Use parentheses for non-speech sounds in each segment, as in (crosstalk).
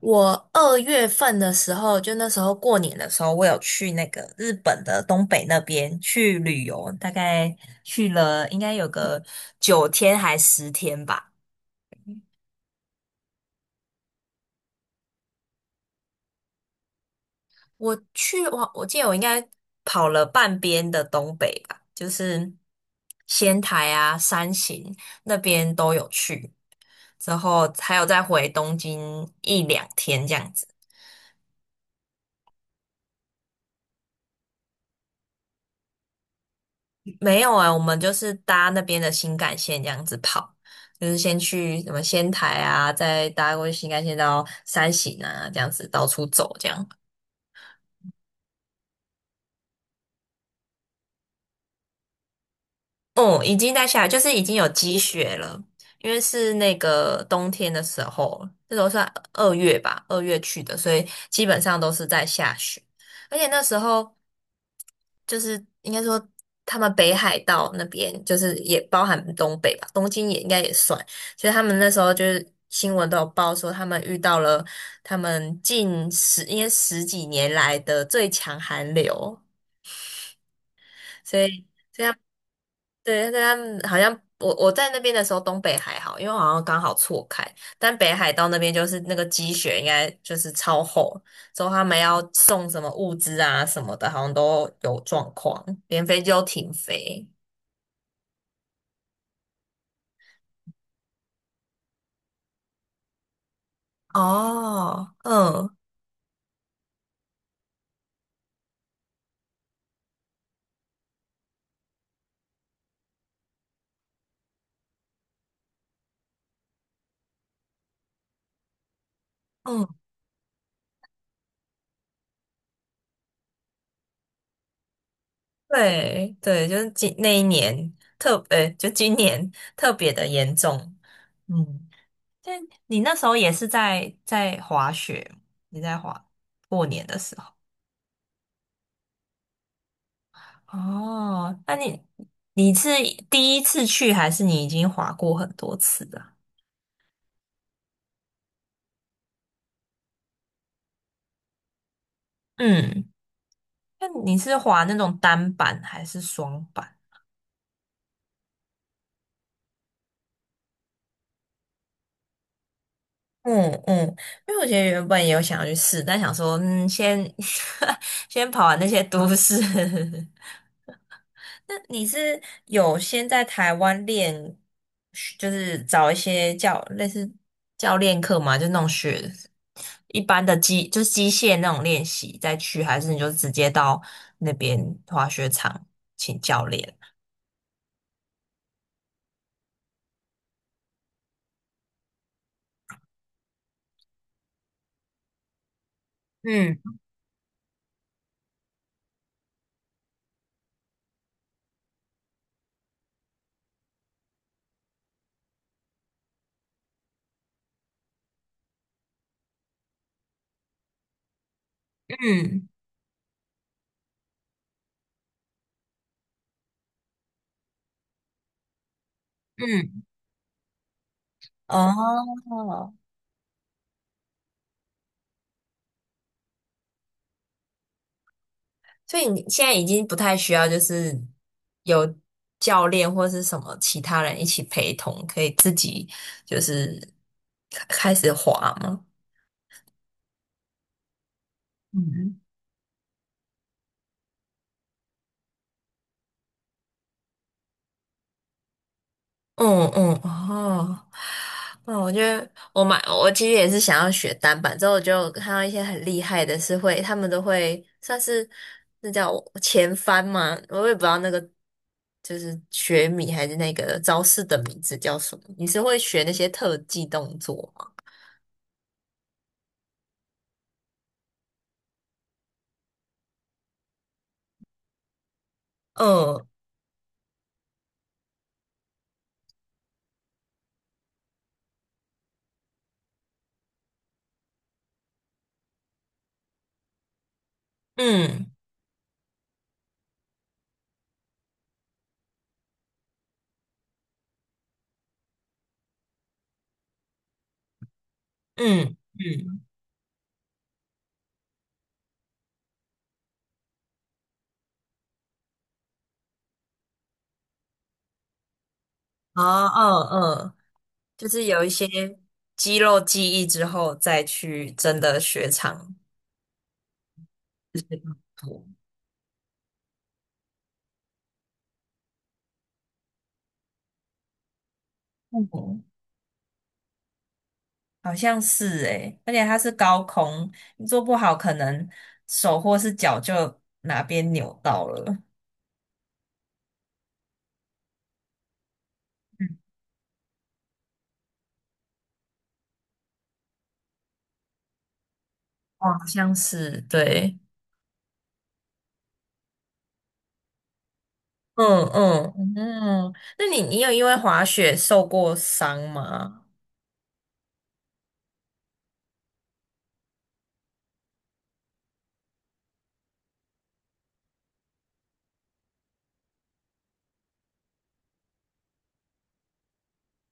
我二月份的时候，就那时候过年的时候，我有去那个日本的东北那边去旅游，大概去了应该有个九天还十天吧。我记得我应该跑了半边的东北吧，就是仙台啊、山形那边都有去，之后还有再回东京一两天这样子。没有啊，我们就是搭那边的新干线这样子跑，就是先去什么仙台啊，再搭过去新干线到山形啊，这样子到处走这样。哦、已经在下来，就是已经有积雪了，因为是那个冬天的时候，那时候算二月吧，二月去的，所以基本上都是在下雪，而且那时候。就是应该说他们北海道那边就是也包含东北吧，东京也应该也算。所以他们那时候就是新闻都有报说，他们遇到了他们近十应该十几年来的最强寒流，所以所以对，但是他们好像我在那边的时候，东北还好，因为好像刚好错开，但北海道那边就是那个积雪应该就是超厚，之后他们要送什么物资啊什么的，好像都有状况，连飞机都停飞。哦，嗯嗯，对对，就是今那一年特，呃，就今年特别的严重。嗯，但你那时候也是在滑雪，你在滑过年的时候。哦，那你你是第一次去，还是你已经滑过很多次了？嗯，那你是滑那种单板还是双板？嗯嗯，因为我觉得原本也有想要去试，但想说，嗯，先 (laughs) 先跑完那些都市。(laughs) 那你是有先在台湾练，就是找一些教类似教练课嘛？就那种学一般的机，就是机械那种练习再去，还是你就直接到那边滑雪场请教练？嗯嗯嗯，哦。所以你现在已经不太需要，就是有教练或是什么其他人一起陪同，可以自己就是开开始滑吗？嗯，嗯嗯哦，那我觉得我买，我其实也是想要学单板，之后我就看到一些很厉害的是会，他们都会算是那叫前翻嘛，我也不知道那个就是学米还是那个招式的名字叫什么。你是会学那些特技动作吗？嗯。嗯嗯嗯，哦哦嗯，就是有一些肌肉记忆之后，再去真的雪场这些动作嗯，好像是诶，而且它是高空，你做不好，可能手或是脚就哪边扭到了。嗯，哦，好像是，对。嗯嗯嗯，那你你有因为滑雪受过伤吗？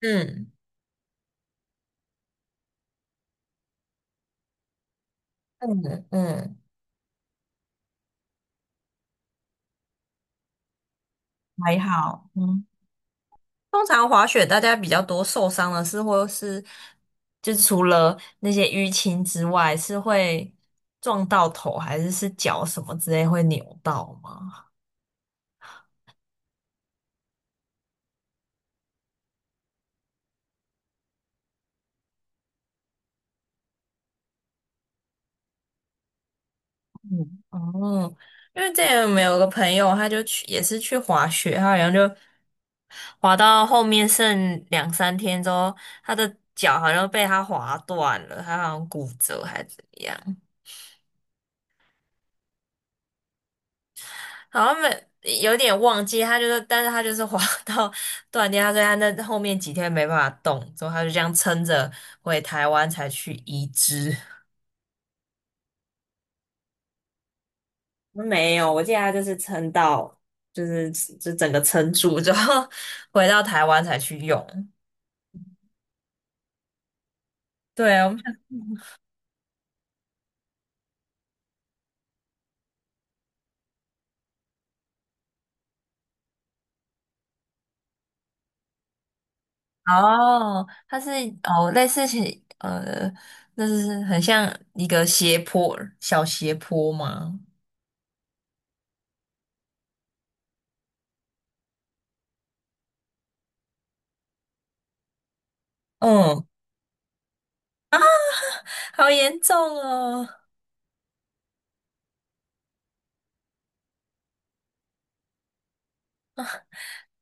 嗯嗯嗯，还好。嗯。通常滑雪大家比较多受伤的是，或是就是除了那些淤青之外，是会撞到头，还是是脚什么之类会扭到吗？哦，因为之前我们有个朋友，他就去也是去滑雪，他好像就滑到后面剩两三天之后，他的脚好像被他滑断了，他好像骨折还是怎么样。好像没有点忘记，他就是，但是他就是滑 (laughs) 到断掉，他说他那后面几天没办法动，之后他就这样撑着回台湾才去移植。没有，我记得他就是撑到，就是就整个撑住。之后 (laughs) 回到台湾才去用。对，我们想哦，它是哦，类似是呃，那是很像一个斜坡，小斜坡吗？嗯，好严重哦。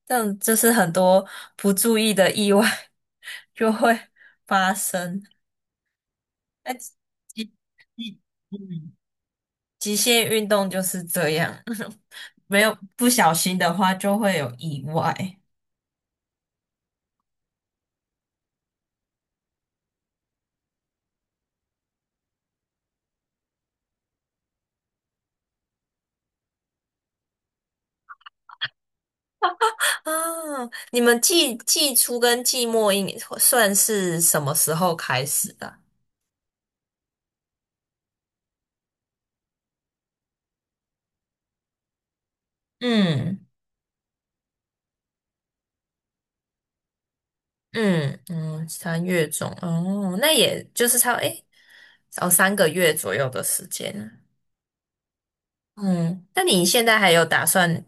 这样就是很多不注意的意外 (laughs) 就会发生。那极极嗯极限运动就是这样，(laughs) 没有不小心的话就会有意外。啊，你们季初跟季末应算是什么时候开始的啊嗯嗯嗯，三月中哦，那也就是差不多诶，哦三个月左右的时间啊。嗯，那你现在还有打算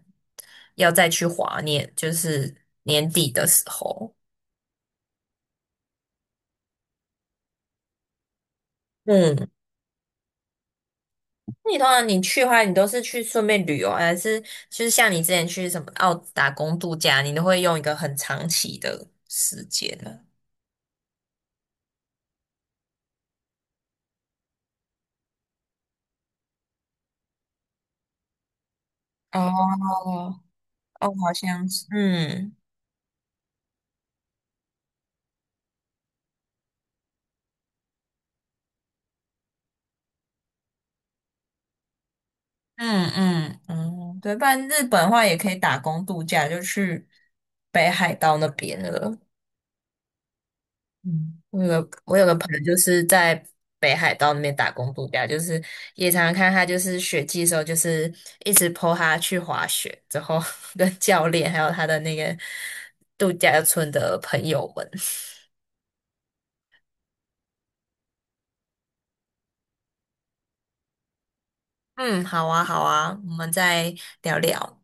要再去滑年，就是年底的时候？嗯，那你通常你去的话，你都是去顺便旅游，还是就是像你之前去什么澳打工度假，你都会用一个很长期的时间呢？哦，哦，好像是，嗯嗯嗯嗯，对，不然日本的话也可以打工度假，就去北海道那边了。嗯，我有个朋友就是在北海道那边打工度假，就是也常常看他就是雪季的时候，就是一直 po 他去滑雪，之后 (laughs) 跟教练还有他的那个度假村的朋友们。嗯，好啊，好啊，我们再聊聊。